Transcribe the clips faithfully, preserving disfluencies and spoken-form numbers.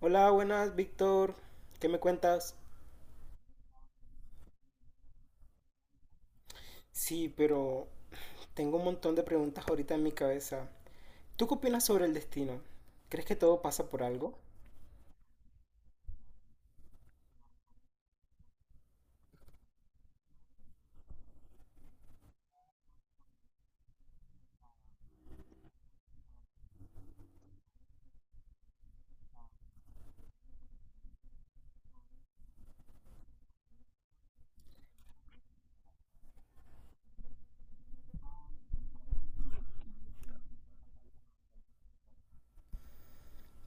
Hola, buenas, Víctor. ¿Qué me cuentas? Sí, pero tengo un montón de preguntas ahorita en mi cabeza. ¿Tú qué opinas sobre el destino? ¿Crees que todo pasa por algo?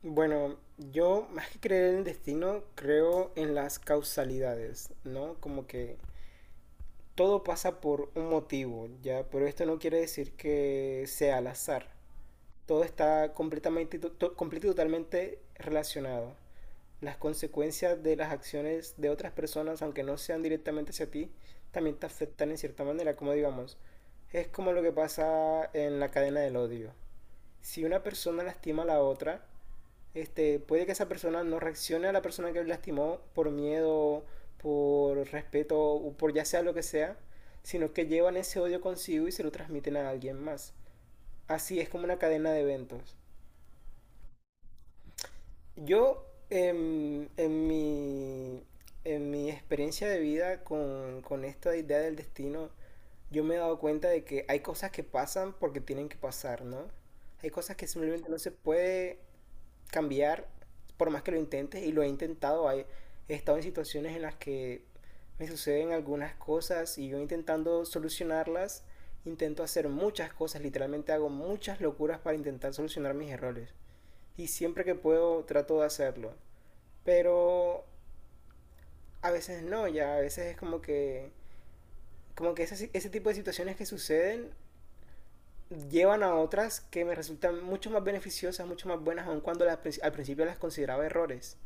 Bueno, yo más que creer en el destino, creo en las causalidades, ¿no? Como que todo pasa por un motivo, ¿ya? Pero esto no quiere decir que sea al azar. Todo está completamente, y to- to- completo y totalmente relacionado. Las consecuencias de las acciones de otras personas, aunque no sean directamente hacia ti, también te afectan en cierta manera, como digamos, es como lo que pasa en la cadena del odio. Si una persona lastima a la otra, este, puede que esa persona no reaccione a la persona que lastimó por miedo, por respeto o por ya sea lo que sea, sino que llevan ese odio consigo y se lo transmiten a alguien más. Así es como una cadena de eventos. Yo, em, en mi, en mi experiencia de vida con, con esta idea del destino, yo me he dado cuenta de que hay cosas que pasan porque tienen que pasar, ¿no? Hay cosas que simplemente no se puede cambiar por más que lo intentes y lo he intentado. Hay, he estado en situaciones en las que me suceden algunas cosas y yo intentando solucionarlas, intento hacer muchas cosas, literalmente hago muchas locuras para intentar solucionar mis errores y siempre que puedo trato de hacerlo. Pero a veces no, ya a veces es como que como que ese, ese tipo de situaciones que suceden llevan a otras que me resultan mucho más beneficiosas, mucho más buenas, aun cuando las, al principio las consideraba errores.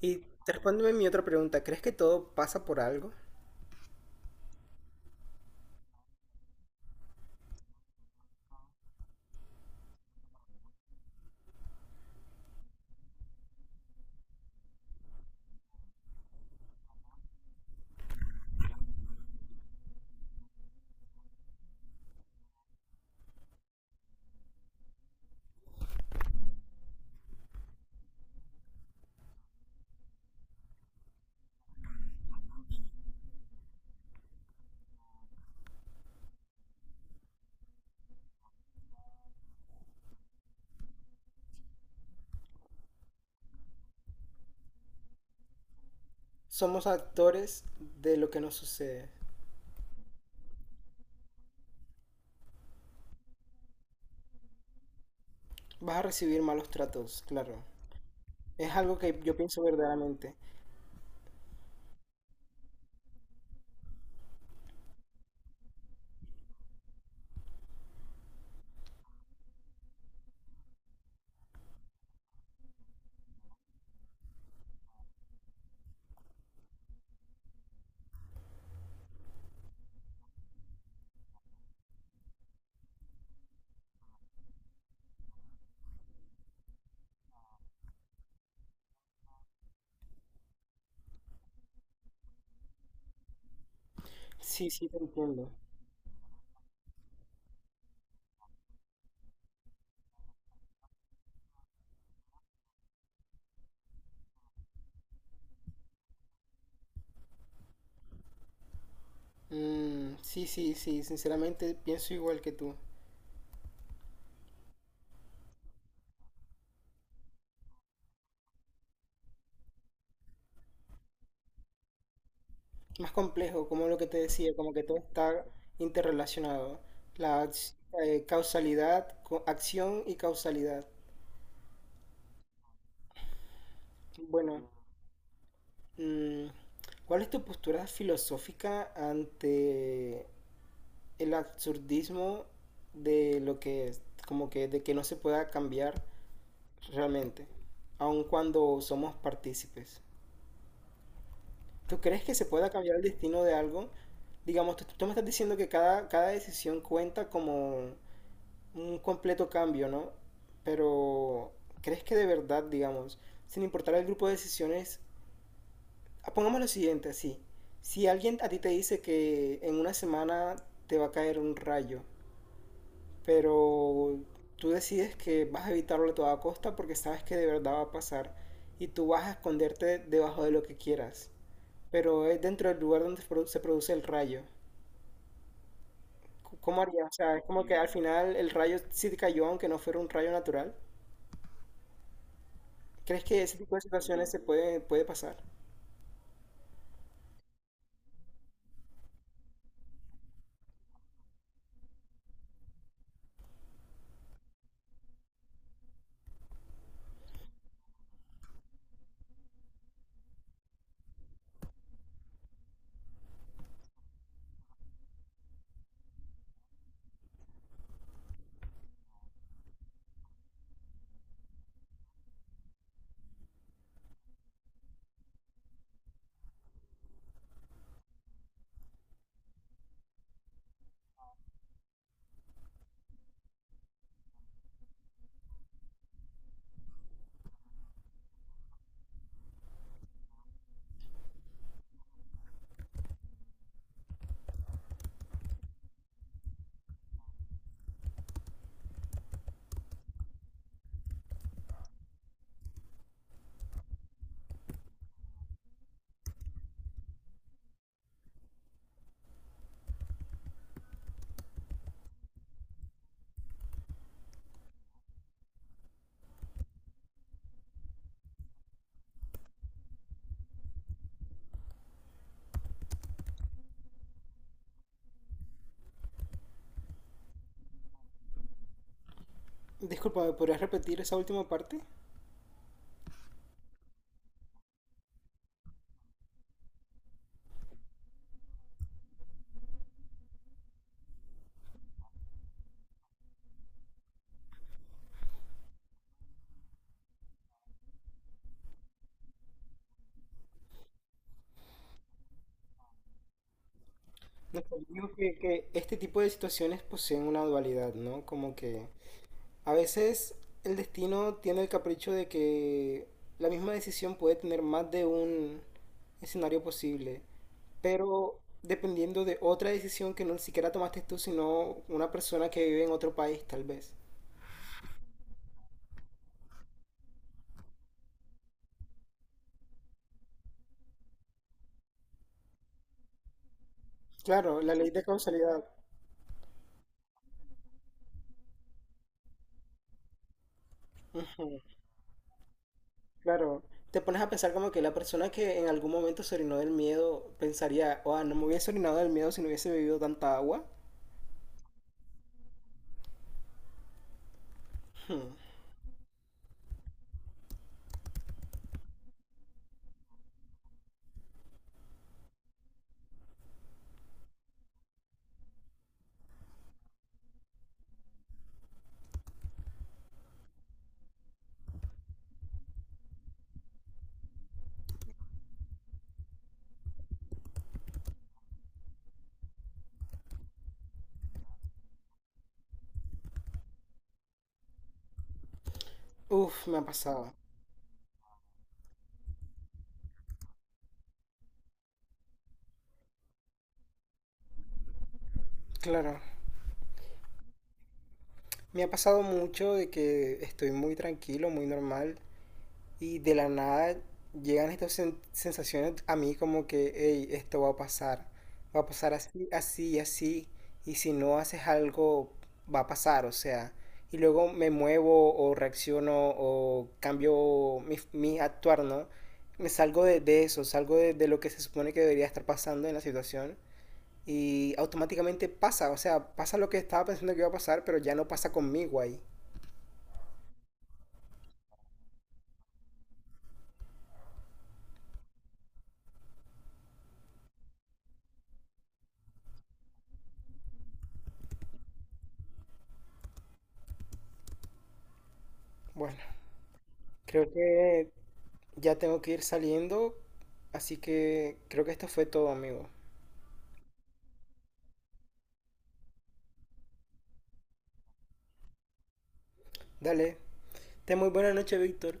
Y respóndeme mi otra pregunta, ¿crees que todo pasa por algo? Somos actores de lo que nos sucede. Vas a recibir malos tratos, claro. Es algo que yo pienso verdaderamente. Sí, sí, te entiendo. Mm, sí, sí, sí, sinceramente pienso igual que tú. Más complejo, como lo que te decía, como que todo está interrelacionado. La ac- eh, causalidad, co- acción y causalidad. Bueno, mm, ¿cuál es tu postura filosófica ante el absurdismo de lo que es? Como que de que no se pueda cambiar realmente, aun cuando somos partícipes. ¿Tú crees que se pueda cambiar el destino de algo? Digamos, tú, tú me estás diciendo que cada, cada decisión cuenta como un completo cambio, ¿no? Pero, ¿crees que de verdad, digamos, sin importar el grupo de decisiones, ah, pongamos lo siguiente así, si alguien a ti te dice que en una semana te va a caer un rayo, pero tú decides que vas a evitarlo a toda costa porque sabes que de verdad va a pasar y tú vas a esconderte debajo de lo que quieras, pero es dentro del lugar donde se produ- se produce el rayo. C- ¿Cómo harías? O sea, es como que al final el rayo sí te cayó aunque no fuera un rayo natural. ¿Crees que ese tipo de situaciones se puede, puede pasar? Disculpa, ¿me podrías repetir esa última parte? No, pues, digo que, que este tipo de situaciones poseen una dualidad, ¿no? Como que, a veces, el destino tiene el capricho de que la misma decisión puede tener más de un escenario posible, pero dependiendo de otra decisión que no siquiera tomaste tú, sino una persona que vive en otro país, tal vez. Claro, la ley de causalidad. Claro, te pones a pensar como que la persona que en algún momento se orinó del miedo pensaría, oh, no me hubiese orinado del miedo si no hubiese bebido tanta agua. Uf, me ha pasado. Claro, me ha pasado mucho de que estoy muy tranquilo, muy normal. Y de la nada llegan estas sen- sensaciones a mí como que, hey, esto va a pasar. Va a pasar así, así, y así. Y si no haces algo, va a pasar, o sea. Y luego me muevo o reacciono o cambio mi, mi actuar, ¿no? Me salgo de, de eso, salgo de, de lo que se supone que debería estar pasando en la situación. Y automáticamente pasa, o sea, pasa lo que estaba pensando que iba a pasar, pero ya no pasa conmigo ahí. Bueno, creo que ya tengo que ir saliendo, así que creo que esto fue todo, amigo. Dale. Ten muy buena noche, Víctor.